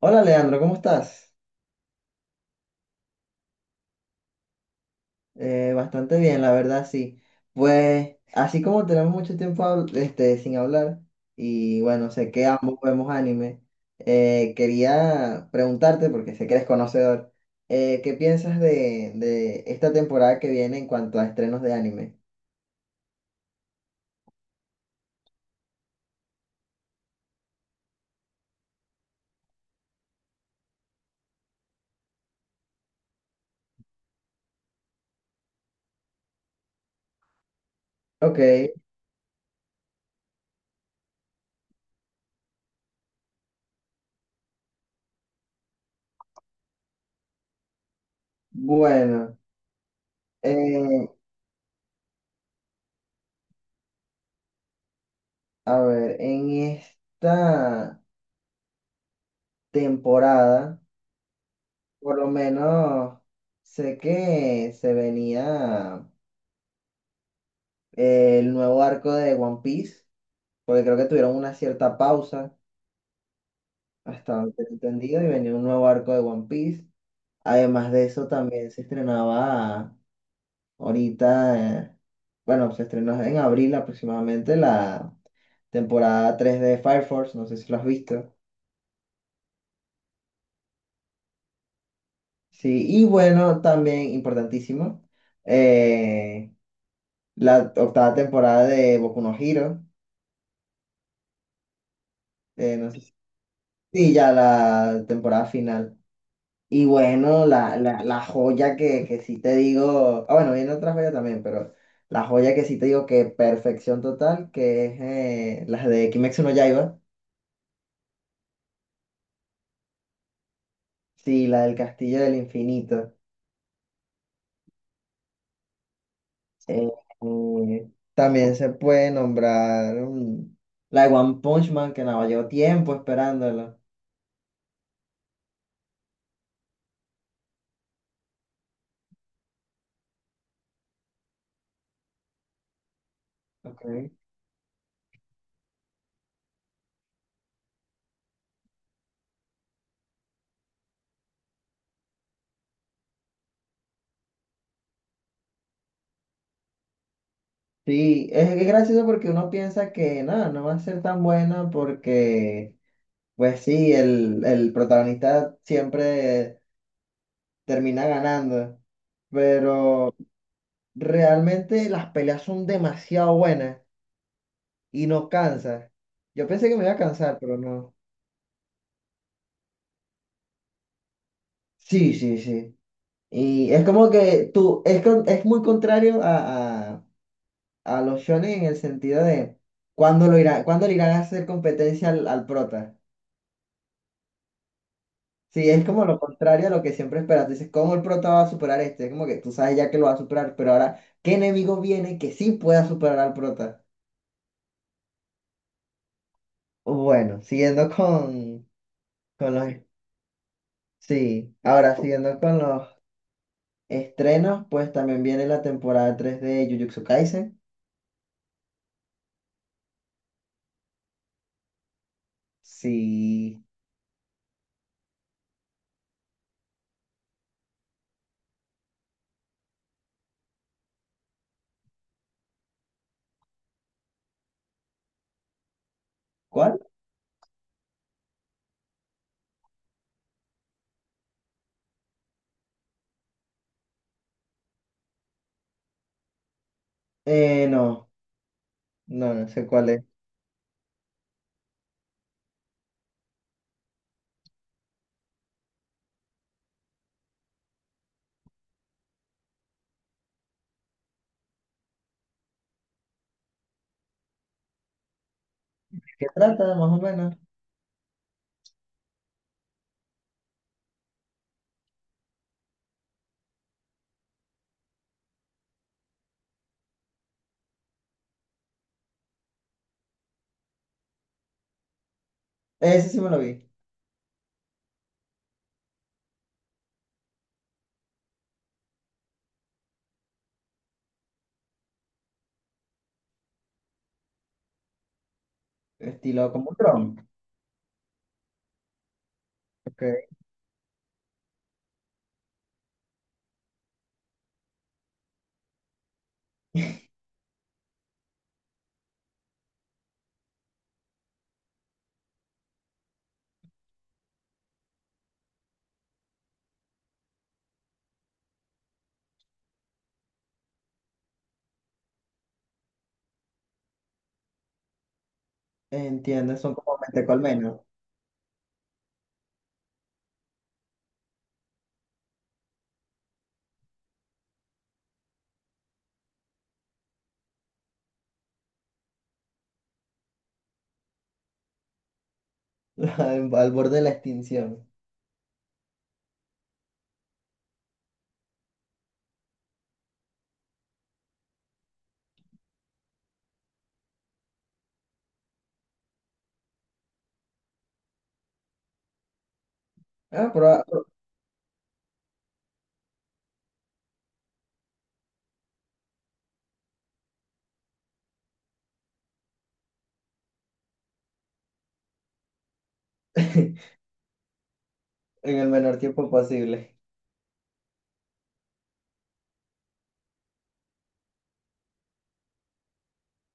Hola Leandro, ¿cómo estás? Bastante bien, la verdad, sí. Pues así como tenemos mucho tiempo sin hablar, y bueno, sé que ambos vemos anime. Quería preguntarte, porque sé que eres conocedor, ¿qué piensas de esta temporada que viene en cuanto a estrenos de anime? Ok, bueno, eh, a ver, en esta temporada, por lo menos sé que se venía... el nuevo arco de One Piece, porque creo que tuvieron una cierta pausa, hasta donde tengo entendido, y venía un nuevo arco de One Piece. Además de eso, también se estrenaba ahorita, bueno, se estrenó en abril aproximadamente la temporada 3 de Fire Force, no sé si lo has visto. Sí, y bueno, también importantísimo, eh, la octava temporada de Boku no Hero. No sé si- Sí, ya la temporada final. Y bueno, la joya que sí te digo, ah, bueno, viene otra joya también, pero la joya que sí te digo que perfección total, que es, la de Kimetsu no Yaiba, sí, la del Castillo del Infinito. Eh, eh, También se puede nombrar, la de One Punch Man, que nada, llevo tiempo esperándola. Okay. Sí, es gracioso porque uno piensa que nada, no va a ser tan buena porque, pues sí, el protagonista siempre... termina ganando. Pero realmente las peleas son demasiado buenas y no cansa. Yo pensé que me iba a cansar, pero no. Sí, sí, sí. Y es como que tú, es muy contrario a los shonen en el sentido de cuándo le irán a hacer competencia al prota. Sí, es como lo contrario a lo que siempre esperas. Dices, ¿cómo el prota va a superar a este? Es como que tú sabes ya que lo va a superar, pero ahora, ¿qué enemigo viene que sí pueda superar al prota? Bueno, siguiendo con los, sí, ahora siguiendo con los estrenos, pues también viene la temporada 3 de Jujutsu Kaisen. Sí, ¿cuál? Eh, no, no, no sé cuál es. ¿Qué trata, más o menos? Ese sí me lo vi. Estilo como un dron. Ok. Entiendo, son como mente al al borde de la extinción. Ah, pero en el menor tiempo posible.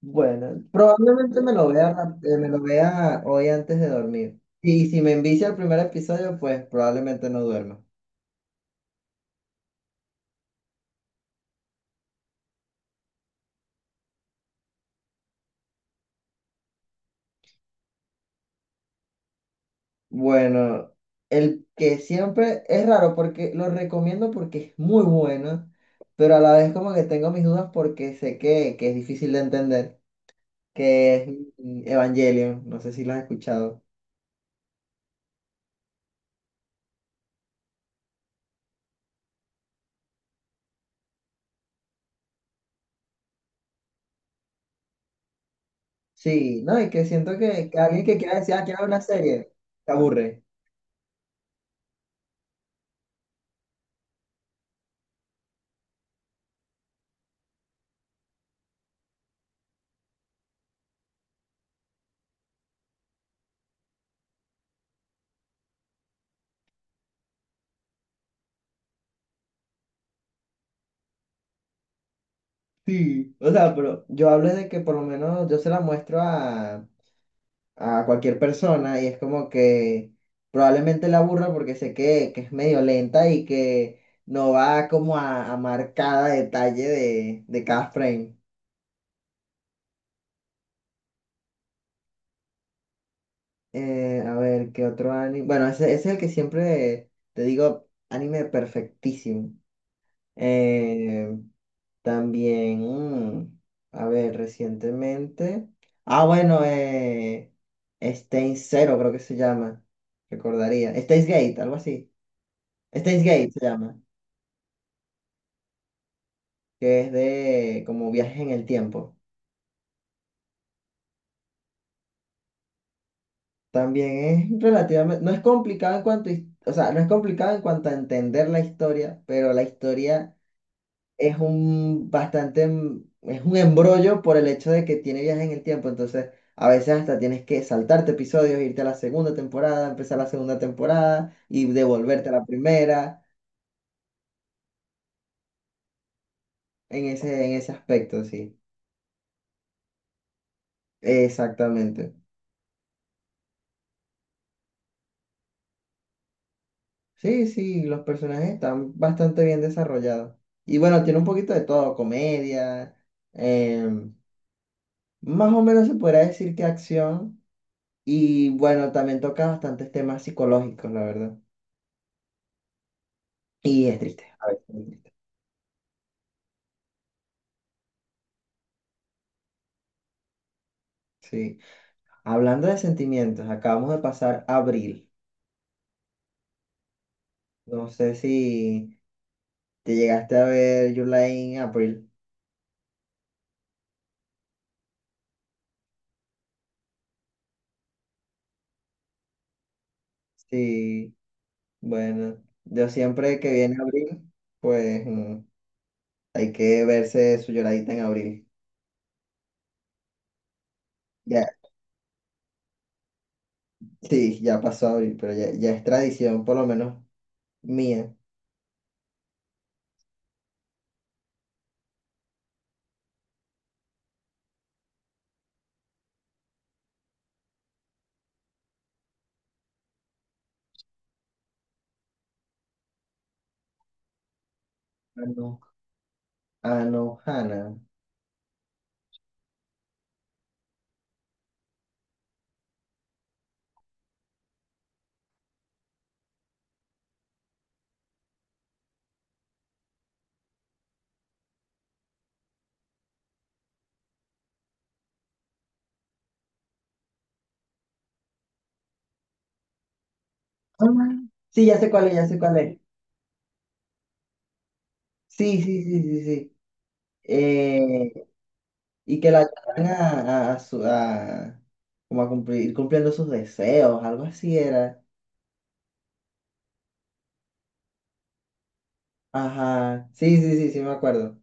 Bueno, probablemente me lo vea, me lo vea hoy antes de dormir. Y si me envicia el primer episodio, pues probablemente no duerma. Bueno, el que siempre es raro porque lo recomiendo porque es muy bueno, pero a la vez como que tengo mis dudas porque sé que es difícil de entender, que es, Evangelion, no sé si lo has escuchado. Sí, no, y que siento que alguien que quiera decir, ah, quiero ver una serie, se aburre. Sí, o sea, pero yo hablo de que por lo menos yo se la muestro a cualquier persona y es como que probablemente la aburra porque sé que es medio lenta y que no va como a marcar cada detalle de cada frame. A ver, ¿qué otro anime? Bueno, ese es el que siempre te digo, anime perfectísimo. Eh, También, a ver, recientemente. Ah, bueno, Steins Zero creo que se llama. Recordaría. Steins Gate, algo así. Steins Gate se llama. Que es de como viajes en el tiempo. También es relativamente. No es complicado en cuanto. A o sea, no es complicado en cuanto a entender la historia, pero la historia es un bastante, es un embrollo por el hecho de que tiene viajes en el tiempo, entonces a veces hasta tienes que saltarte episodios, irte a la segunda temporada, empezar la segunda temporada y devolverte a la primera, en ese aspecto, sí, exactamente. Sí, sí, los personajes están bastante bien desarrollados. Y bueno, tiene un poquito de todo, comedia, em, más o menos se podría decir que acción, y bueno, también toca bastantes temas psicológicos, la verdad. Y es triste, a veces es triste. Sí. Hablando de sentimientos, acabamos de pasar abril. No sé si te llegaste a ver July en abril. Sí, bueno, yo siempre que viene abril, pues, hay que verse su lloradita en abril. Ya, sí, ya pasó abril, pero ya, ya es tradición, por lo menos mía. Ano- Anohana. Ah, sí, ya sé cuál es, ya sé cuál es. Sí, sí, sí, sí, sí. Eh, y que la ayudan como a cumplir, ir cumpliendo sus deseos, algo así era. Ajá, sí, sí, sí, sí me acuerdo.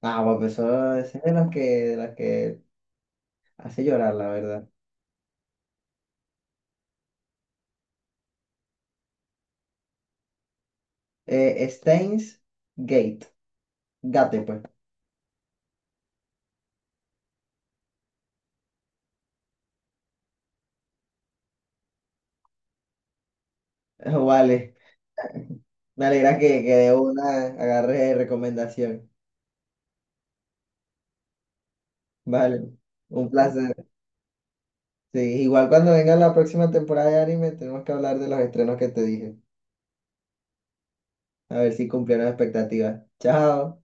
Ah, bueno, pues eso, ese es de las que hace llorar, la verdad. Steins Gate, Gate, pues. Vale, me alegra que de una agarre recomendación. Vale, un placer. Sí, igual cuando venga la próxima temporada de anime, tenemos que hablar de los estrenos que te dije. A ver si cumplieron expectativas. Chao.